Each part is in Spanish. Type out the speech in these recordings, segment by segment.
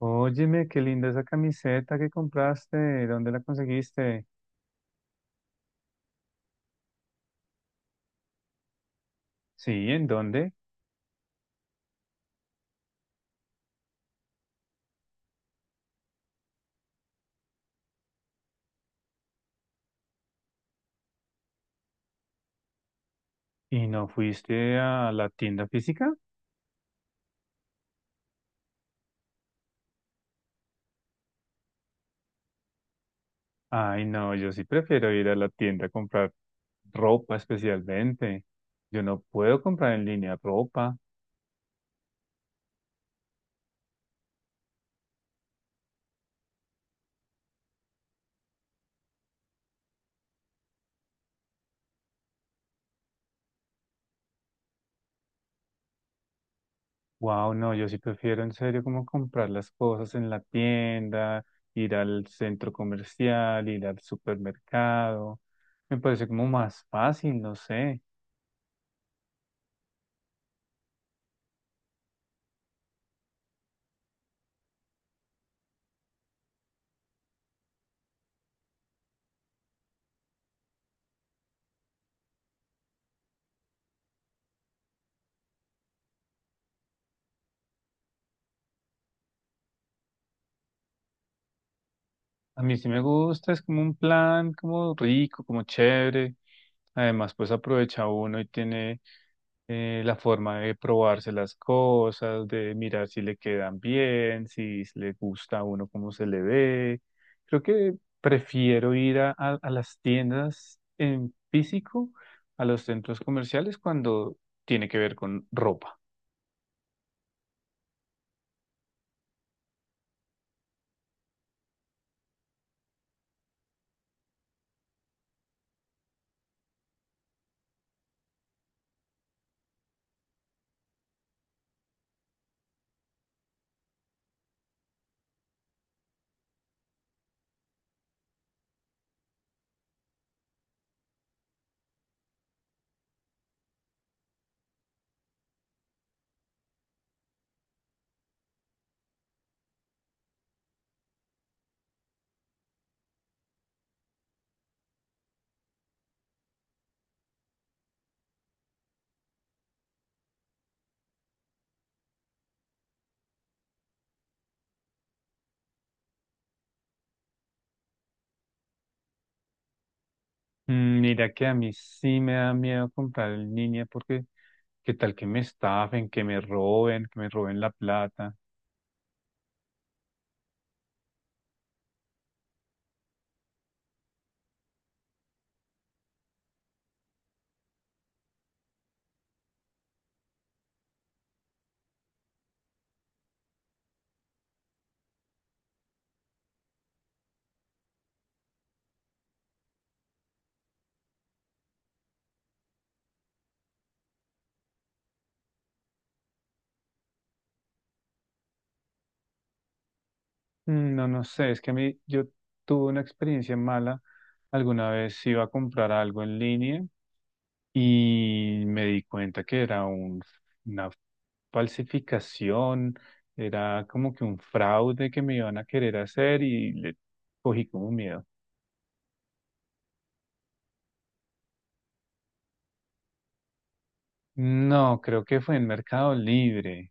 Óyeme, qué linda esa camiseta que compraste. ¿Dónde la conseguiste? Sí, ¿en dónde? ¿Y no fuiste a la tienda física? Ay, no, yo sí prefiero ir a la tienda a comprar ropa especialmente. Yo no puedo comprar en línea ropa. Wow, no, yo sí prefiero en serio como comprar las cosas en la tienda, ir al centro comercial, ir al supermercado. Me parece como más fácil, no sé. A mí sí me gusta, es como un plan como rico, como chévere. Además, pues aprovecha uno y tiene la forma de probarse las cosas, de mirar si le quedan bien, si le gusta a uno cómo se le ve. Creo que prefiero ir a las tiendas en físico, a los centros comerciales cuando tiene que ver con ropa. Mm, mira que a mí sí me da miedo comprar en línea porque qué tal que me estafen, que me roben la plata. Mm, no, no sé, es que a mí yo tuve una experiencia mala. Alguna vez iba a comprar algo en línea y me di cuenta que era una falsificación, era como que un fraude que me iban a querer hacer y le cogí como miedo. No, creo que fue en Mercado Libre.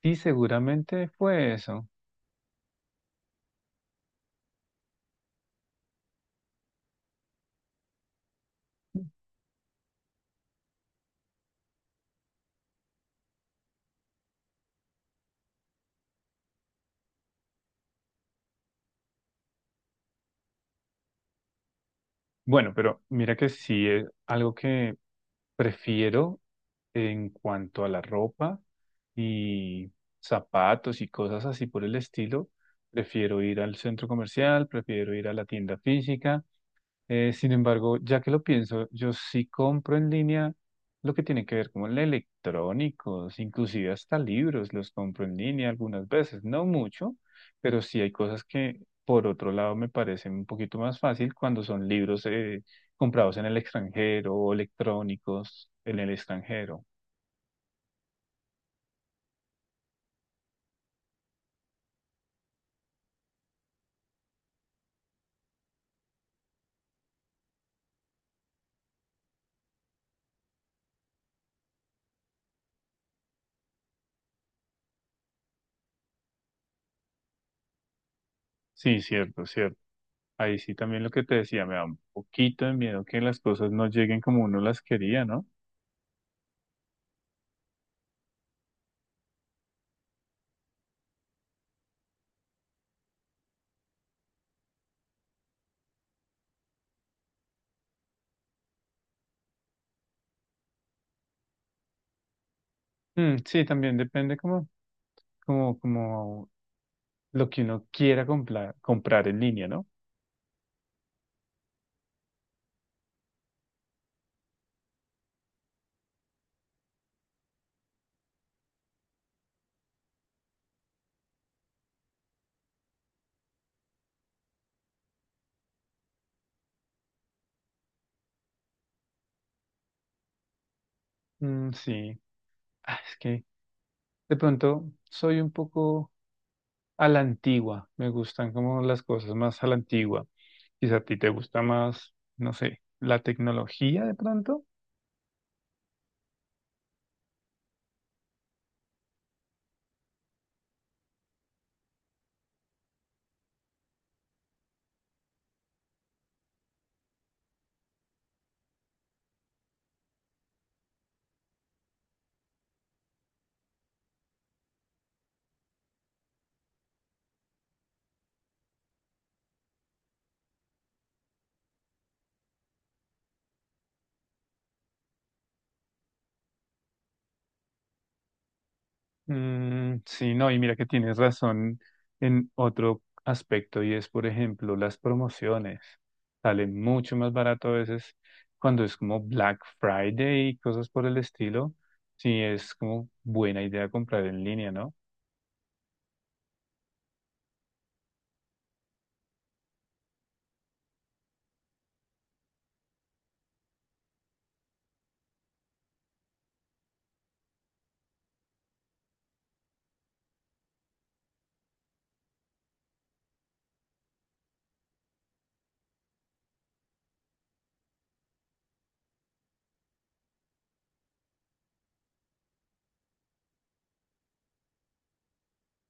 Sí, seguramente fue eso. Bueno, pero mira que sí es algo que prefiero en cuanto a la ropa y zapatos y cosas así por el estilo. Prefiero ir al centro comercial, prefiero ir a la tienda física. Sin embargo, ya que lo pienso, yo sí compro en línea lo que tiene que ver con electrónicos, inclusive hasta libros los compro en línea algunas veces, no mucho, pero sí hay cosas que por otro lado me parecen un poquito más fácil cuando son libros comprados en el extranjero o electrónicos en el extranjero. Sí, cierto, cierto. Ahí sí también lo que te decía, me da un poquito de miedo que las cosas no lleguen como uno las quería, ¿no? Mm, sí, también depende como lo que uno quiera comprar, comprar en línea, ¿no? Mm, sí, ah, es que de pronto soy un poco a la antigua, me gustan como las cosas más a la antigua. Quizá a ti te gusta más, no sé, la tecnología de pronto. Mm, sí, no, y mira que tienes razón en otro aspecto y es, por ejemplo, las promociones. Sale mucho más barato a veces cuando es como Black Friday y cosas por el estilo. Sí, es como buena idea comprar en línea, ¿no?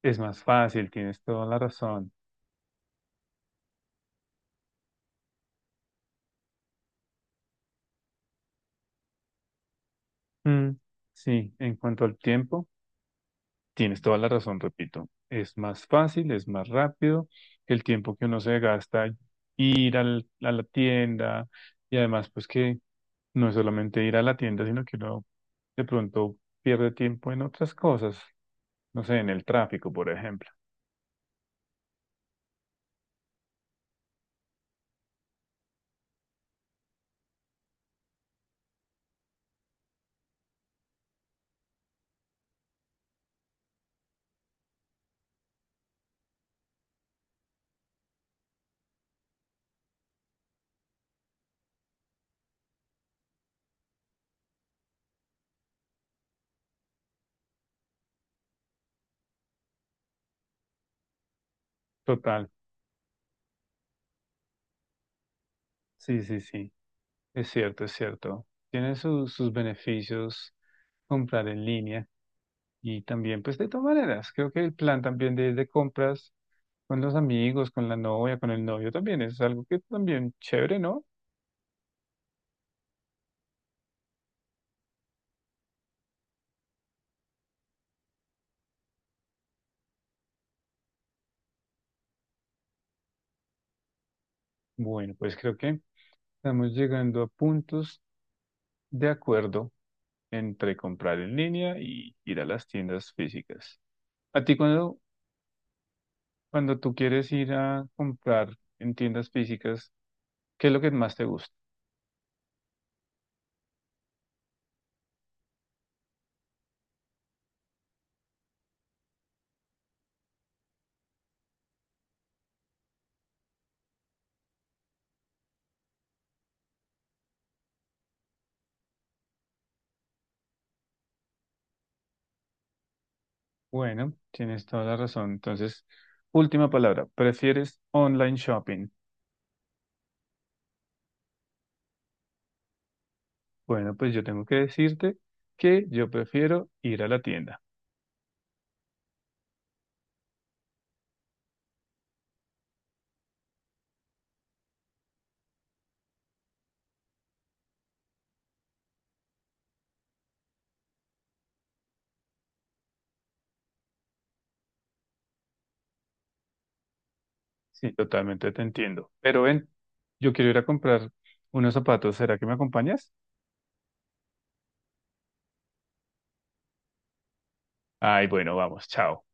Es más fácil, tienes toda la razón. Mm, sí, en cuanto al tiempo, tienes toda la razón, repito. Es más fácil, es más rápido. El tiempo que uno se gasta ir a la tienda y además, pues que no es solamente ir a la tienda, sino que uno de pronto pierde tiempo en otras cosas. No sé, en el tráfico, por ejemplo. Total. Sí, sí, sí. Es cierto, es cierto. Tiene sus beneficios comprar en línea y también, pues de todas maneras, creo que el plan también de compras con los amigos, con la novia, con el novio también es algo que también chévere, ¿no? Bueno, pues creo que estamos llegando a puntos de acuerdo entre comprar en línea y ir a las tiendas físicas. A ti cuando tú quieres ir a comprar en tiendas físicas, ¿qué es lo que más te gusta? Bueno, tienes toda la razón. Entonces, última palabra, ¿prefieres online shopping? Bueno, pues yo tengo que decirte que yo prefiero ir a la tienda. Sí, totalmente te entiendo. Pero ven, yo quiero ir a comprar unos zapatos. ¿Será que me acompañas? Ay, bueno, vamos, chao.